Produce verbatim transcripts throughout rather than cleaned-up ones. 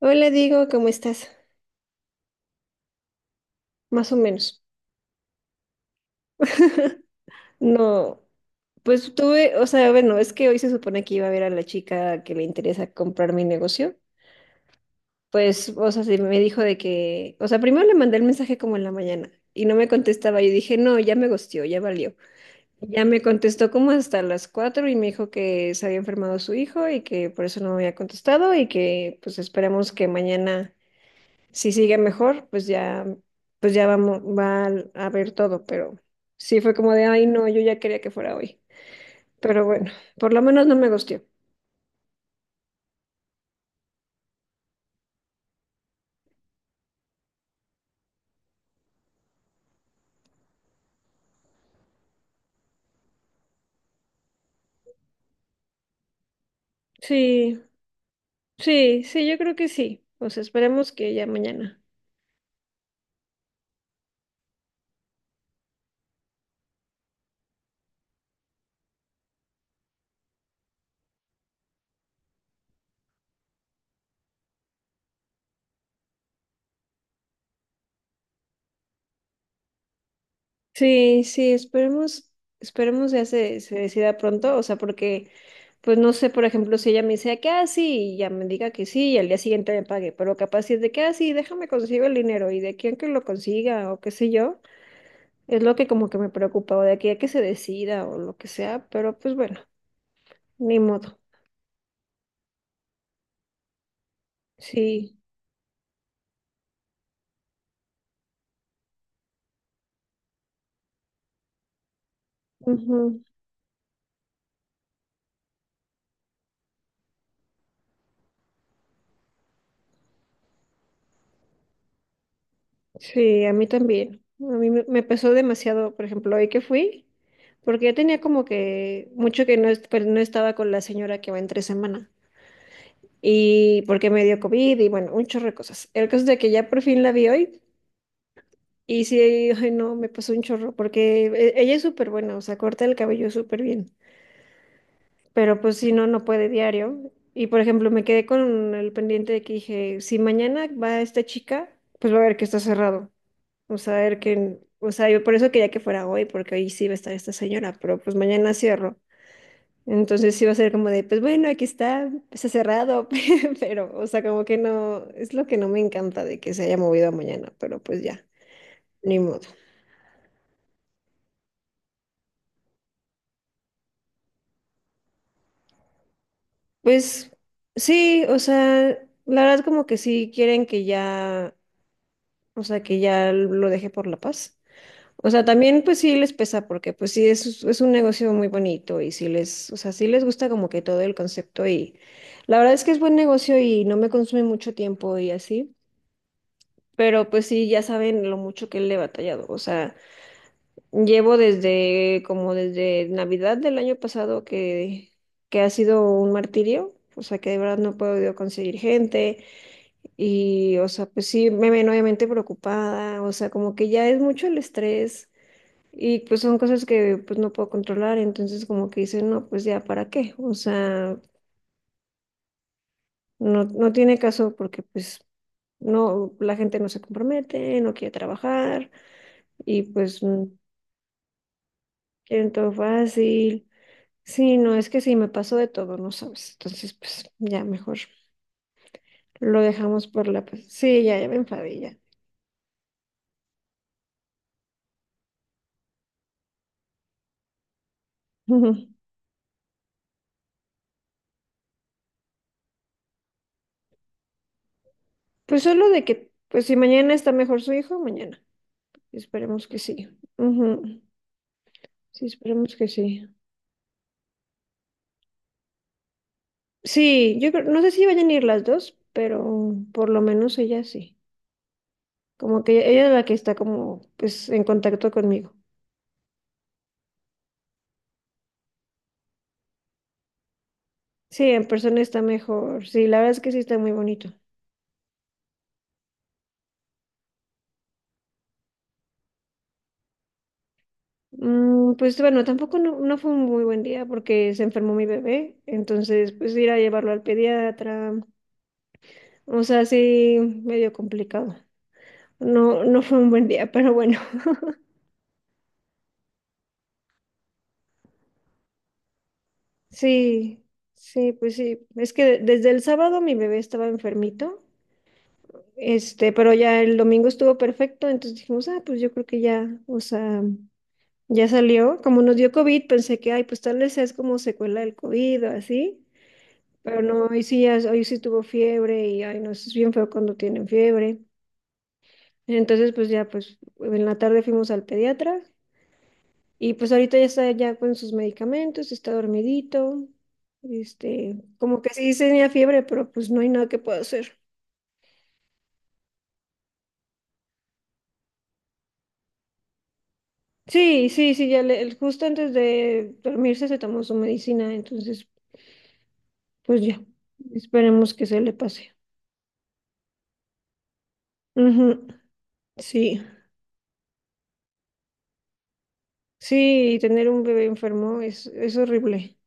Hola, Diego, ¿cómo estás? Más o menos. No, pues tuve, o sea, bueno, es que hoy se supone que iba a ver a la chica que le interesa comprar mi negocio. Pues, o sea, se me dijo de que, o sea, primero le mandé el mensaje como en la mañana y no me contestaba. Yo dije, no, ya me gosteó, ya valió. Ya me contestó como hasta las cuatro y me dijo que se había enfermado su hijo y que por eso no me había contestado y que pues esperemos que mañana. Si sigue mejor, pues ya, pues ya vamos, va al- a ver todo, pero sí fue como de, ay, no, yo ya quería que fuera hoy. Pero bueno, por lo menos no me gustó. Sí, sí, sí, yo creo que sí. O sea, esperemos que ya mañana. Sí, sí, esperemos, esperemos ya se, se decida pronto, o sea, porque, pues no sé, por ejemplo, si ella me dice que ah, sí, y ya me diga que sí, y al día siguiente me pague, pero capaz si es de que ah, sí, déjame consigo el dinero, y de quién que lo consiga, o qué sé yo. Es lo que como que me preocupaba de aquí a que se decida o lo que sea, pero pues bueno, ni modo. Sí, ujú. Sí, a mí también. A mí me me pesó demasiado, por ejemplo, hoy que fui, porque yo tenía como que mucho que no, est- pues, no estaba con la señora que va entre semana y porque me dio COVID y bueno, un chorro de cosas. El caso es de que ya por fin la vi hoy y sí, ay no, me pasó un chorro porque e- ella es súper buena, o sea, corta el cabello súper bien. Pero pues si no, no puede diario. Y por ejemplo, me quedé con el pendiente de que dije, si mañana va esta chica, pues va a ver que está cerrado. O sea, a ver que, o sea, yo por eso quería que fuera hoy, porque hoy sí va a estar esta señora, pero pues mañana cierro. Entonces sí va a ser como de, pues bueno, aquí está, está cerrado, pero, o sea, como que no, es lo que no me encanta de que se haya movido a mañana, pero pues ya, ni modo. Pues sí, o sea, la verdad como que sí quieren que ya. O sea, que ya lo dejé por la paz. O sea, también pues sí les pesa porque pues sí es, es un negocio muy bonito y sí les, o sea, sí les gusta como que todo el concepto y la verdad es que es buen negocio y no me consume mucho tiempo y así, pero pues sí ya saben lo mucho que le he batallado. O sea, llevo desde como desde Navidad del año pasado que, que ha sido un martirio, o sea, que de verdad no he podido conseguir gente. Y, o sea, pues sí, me ven obviamente preocupada, o sea, como que ya es mucho el estrés y pues son cosas que pues no puedo controlar, entonces como que dicen, no, pues ya, ¿para qué? O sea, no, no tiene caso porque pues no, la gente no se compromete, no quiere trabajar y pues mm, quieren todo fácil. Sí, no, es que sí, me pasó de todo, no sabes, entonces pues ya mejor lo dejamos por la paz. Sí, ya, ya me enfadé, ya. Pues solo de que, pues si mañana está mejor su hijo, mañana. Esperemos que sí. Ujú. Sí, esperemos que sí. Sí, yo creo, no sé si vayan a ir las dos, pero por lo menos ella sí. Como que ella es la que está como, pues, en contacto conmigo. Sí, en persona está mejor. Sí, la verdad es que sí está muy bonito. Mm, pues bueno, tampoco no, no fue un muy buen día porque se enfermó mi bebé, entonces pues ir a llevarlo al pediatra, o sea, sí, medio complicado. No, no fue un buen día, pero bueno. Sí, sí, pues sí. Es que desde el sábado mi bebé estaba enfermito, este, pero ya el domingo estuvo perfecto, entonces dijimos, ah, pues yo creo que ya, o sea, ya salió. Como nos dio COVID, pensé que, ay, pues tal vez es como secuela del COVID o así, pero no, hoy sí, ya- hoy sí tuvo fiebre y, ay, no, eso es bien feo cuando tienen fiebre. Entonces, pues ya, pues en la tarde fuimos al pediatra. Y pues ahorita ya está ya con sus medicamentos, está dormidito, este, como que sí tenía fiebre, pero pues no hay nada que pueda hacer. Sí, sí, sí, ya le, el- justo antes de dormirse se tomó su medicina, entonces pues ya, esperemos que se le pase. Ujú. Sí, sí, tener un bebé enfermo es, es horrible.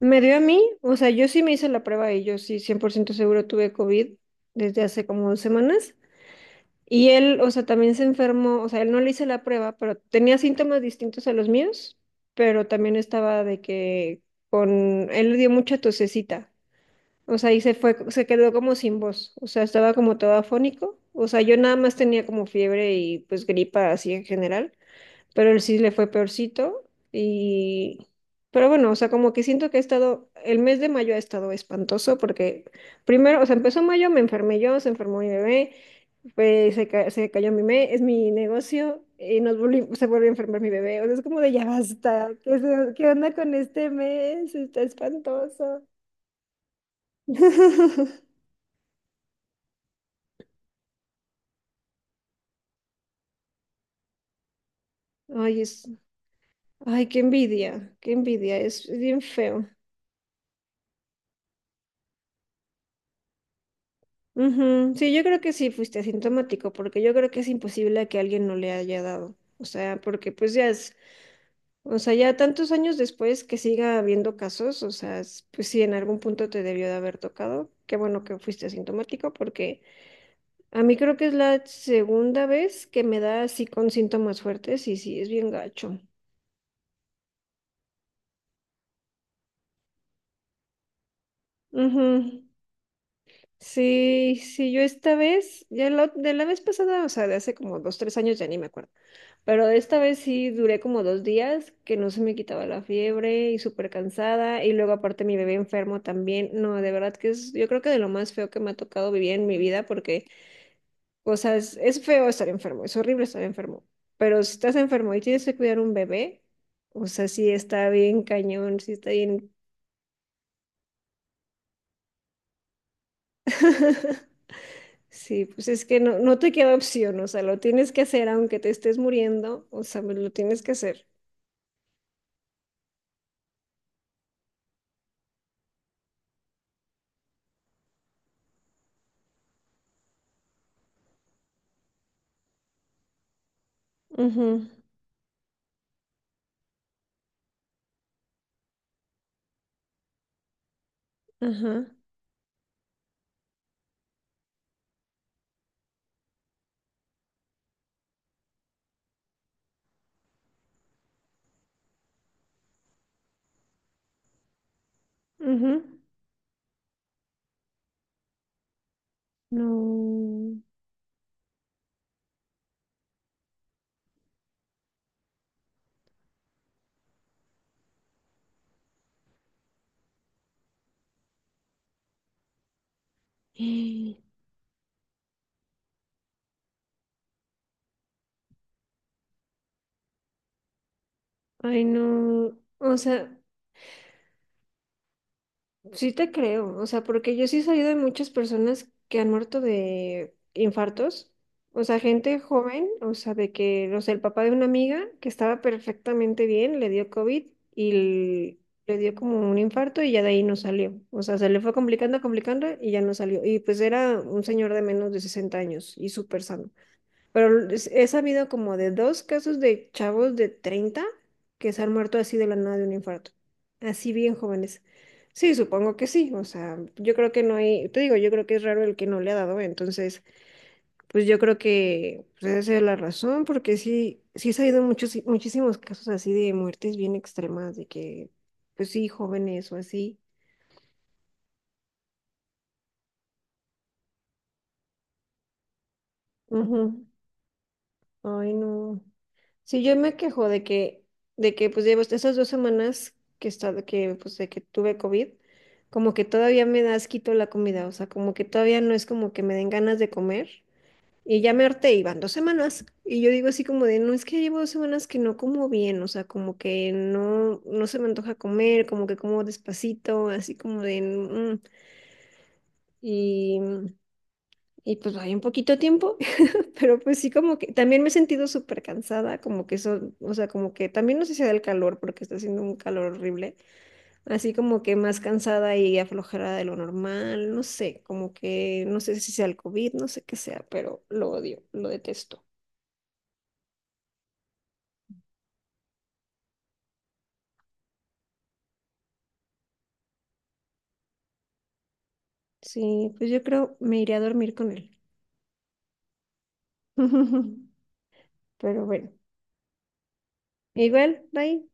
Me dio a mí, o sea, yo sí me hice la prueba y yo sí cien por ciento seguro tuve COVID desde hace como dos semanas. Y él, o sea, también se enfermó, o sea, él no le hice la prueba, pero tenía síntomas distintos a los míos, pero también estaba de que con, él le dio mucha tosecita, o sea, y se fue, se quedó como sin voz, o sea, estaba como todo afónico, o sea, yo nada más tenía como fiebre y pues gripa así en general, pero él sí le fue peorcito y, pero bueno, o sea, como que siento que ha estado, el mes de mayo ha estado espantoso porque primero, o sea, empezó mayo, me enfermé yo, se enfermó mi bebé, pues se, ca- se cayó mi, me- es mi negocio y nos volvi- se volvió a enfermar mi bebé. O sea, es como de ya basta. ¿Qué, se- qué onda con este mes? Está espantoso. Ay, es, ay, qué envidia, qué envidia, es bien feo. Ujú. Sí, yo creo que sí fuiste asintomático, porque yo creo que es imposible que alguien no le haya dado. O sea, porque pues ya es, o sea, ya tantos años después que siga habiendo casos, o sea, es- pues sí, en algún punto te debió de haber tocado. Qué bueno que fuiste asintomático, porque a mí creo que es la segunda vez que me da así con síntomas fuertes y sí, es bien gacho. Ujú. Sí, sí, yo esta vez, ya la ot- de la vez pasada, o sea, de hace como dos, tres años ya ni me acuerdo, pero de esta vez sí duré como dos días que no se me quitaba la fiebre y súper cansada y luego aparte mi bebé enfermo también, no, de verdad que es, yo creo que de lo más feo que me ha tocado vivir en mi vida porque o sea, es, es feo estar enfermo, es horrible estar enfermo, pero si estás enfermo y tienes que cuidar un bebé, o sea, sí está bien cañón, sí está bien. Sí, pues es que no, no te queda opción, o sea, lo tienes que hacer aunque te estés muriendo, o sea, pues lo tienes que hacer. Ujú, ajá, ujú. No. Ay, no. O sea, sí te creo, o sea, porque yo sí he sabido de muchas personas que han muerto de infartos, o sea, gente joven, o sea, de que, no sé, el papá de una amiga que estaba perfectamente bien, le dio COVID y l- le dio como un infarto y ya de ahí no salió, o sea, se le fue complicando, complicando y ya no salió, y pues era un señor de menos de sesenta años y súper sano. Pero es- he sabido como de dos casos de chavos de treinta que se han muerto así de la nada de un infarto. Así bien jóvenes. Sí, supongo que sí. O sea, yo creo que no hay, te digo, yo creo que es raro el que no le ha dado. Entonces, pues yo creo que pues, esa es la razón, porque sí, sí he sabido muchos, muchísimos casos así de muertes bien extremas, de que, pues sí, jóvenes o así. Ujú. Ay, no. Sí, yo me quejo de que, de que pues llevo esas dos semanas que he estado, que pues de que tuve COVID, como que todavía me da asquito la comida, o sea, como que todavía no es como que me den ganas de comer. Y ya me harté, y van dos semanas. Y yo digo así como de, no es que llevo dos semanas que no como bien, o sea, como que no, no se me antoja comer, como que como despacito, así como de, mm, y, y pues hay un poquito tiempo. Pero pues sí, como que también me he sentido súper cansada, como que eso, o sea, como que también no sé si sea del calor, porque está haciendo un calor horrible, así como que más cansada y aflojada de lo normal, no sé, como que no sé si sea el COVID, no sé qué sea, pero lo odio, lo detesto. Sí, pues yo creo me iré a dormir con él. Pero bueno, igual, bye.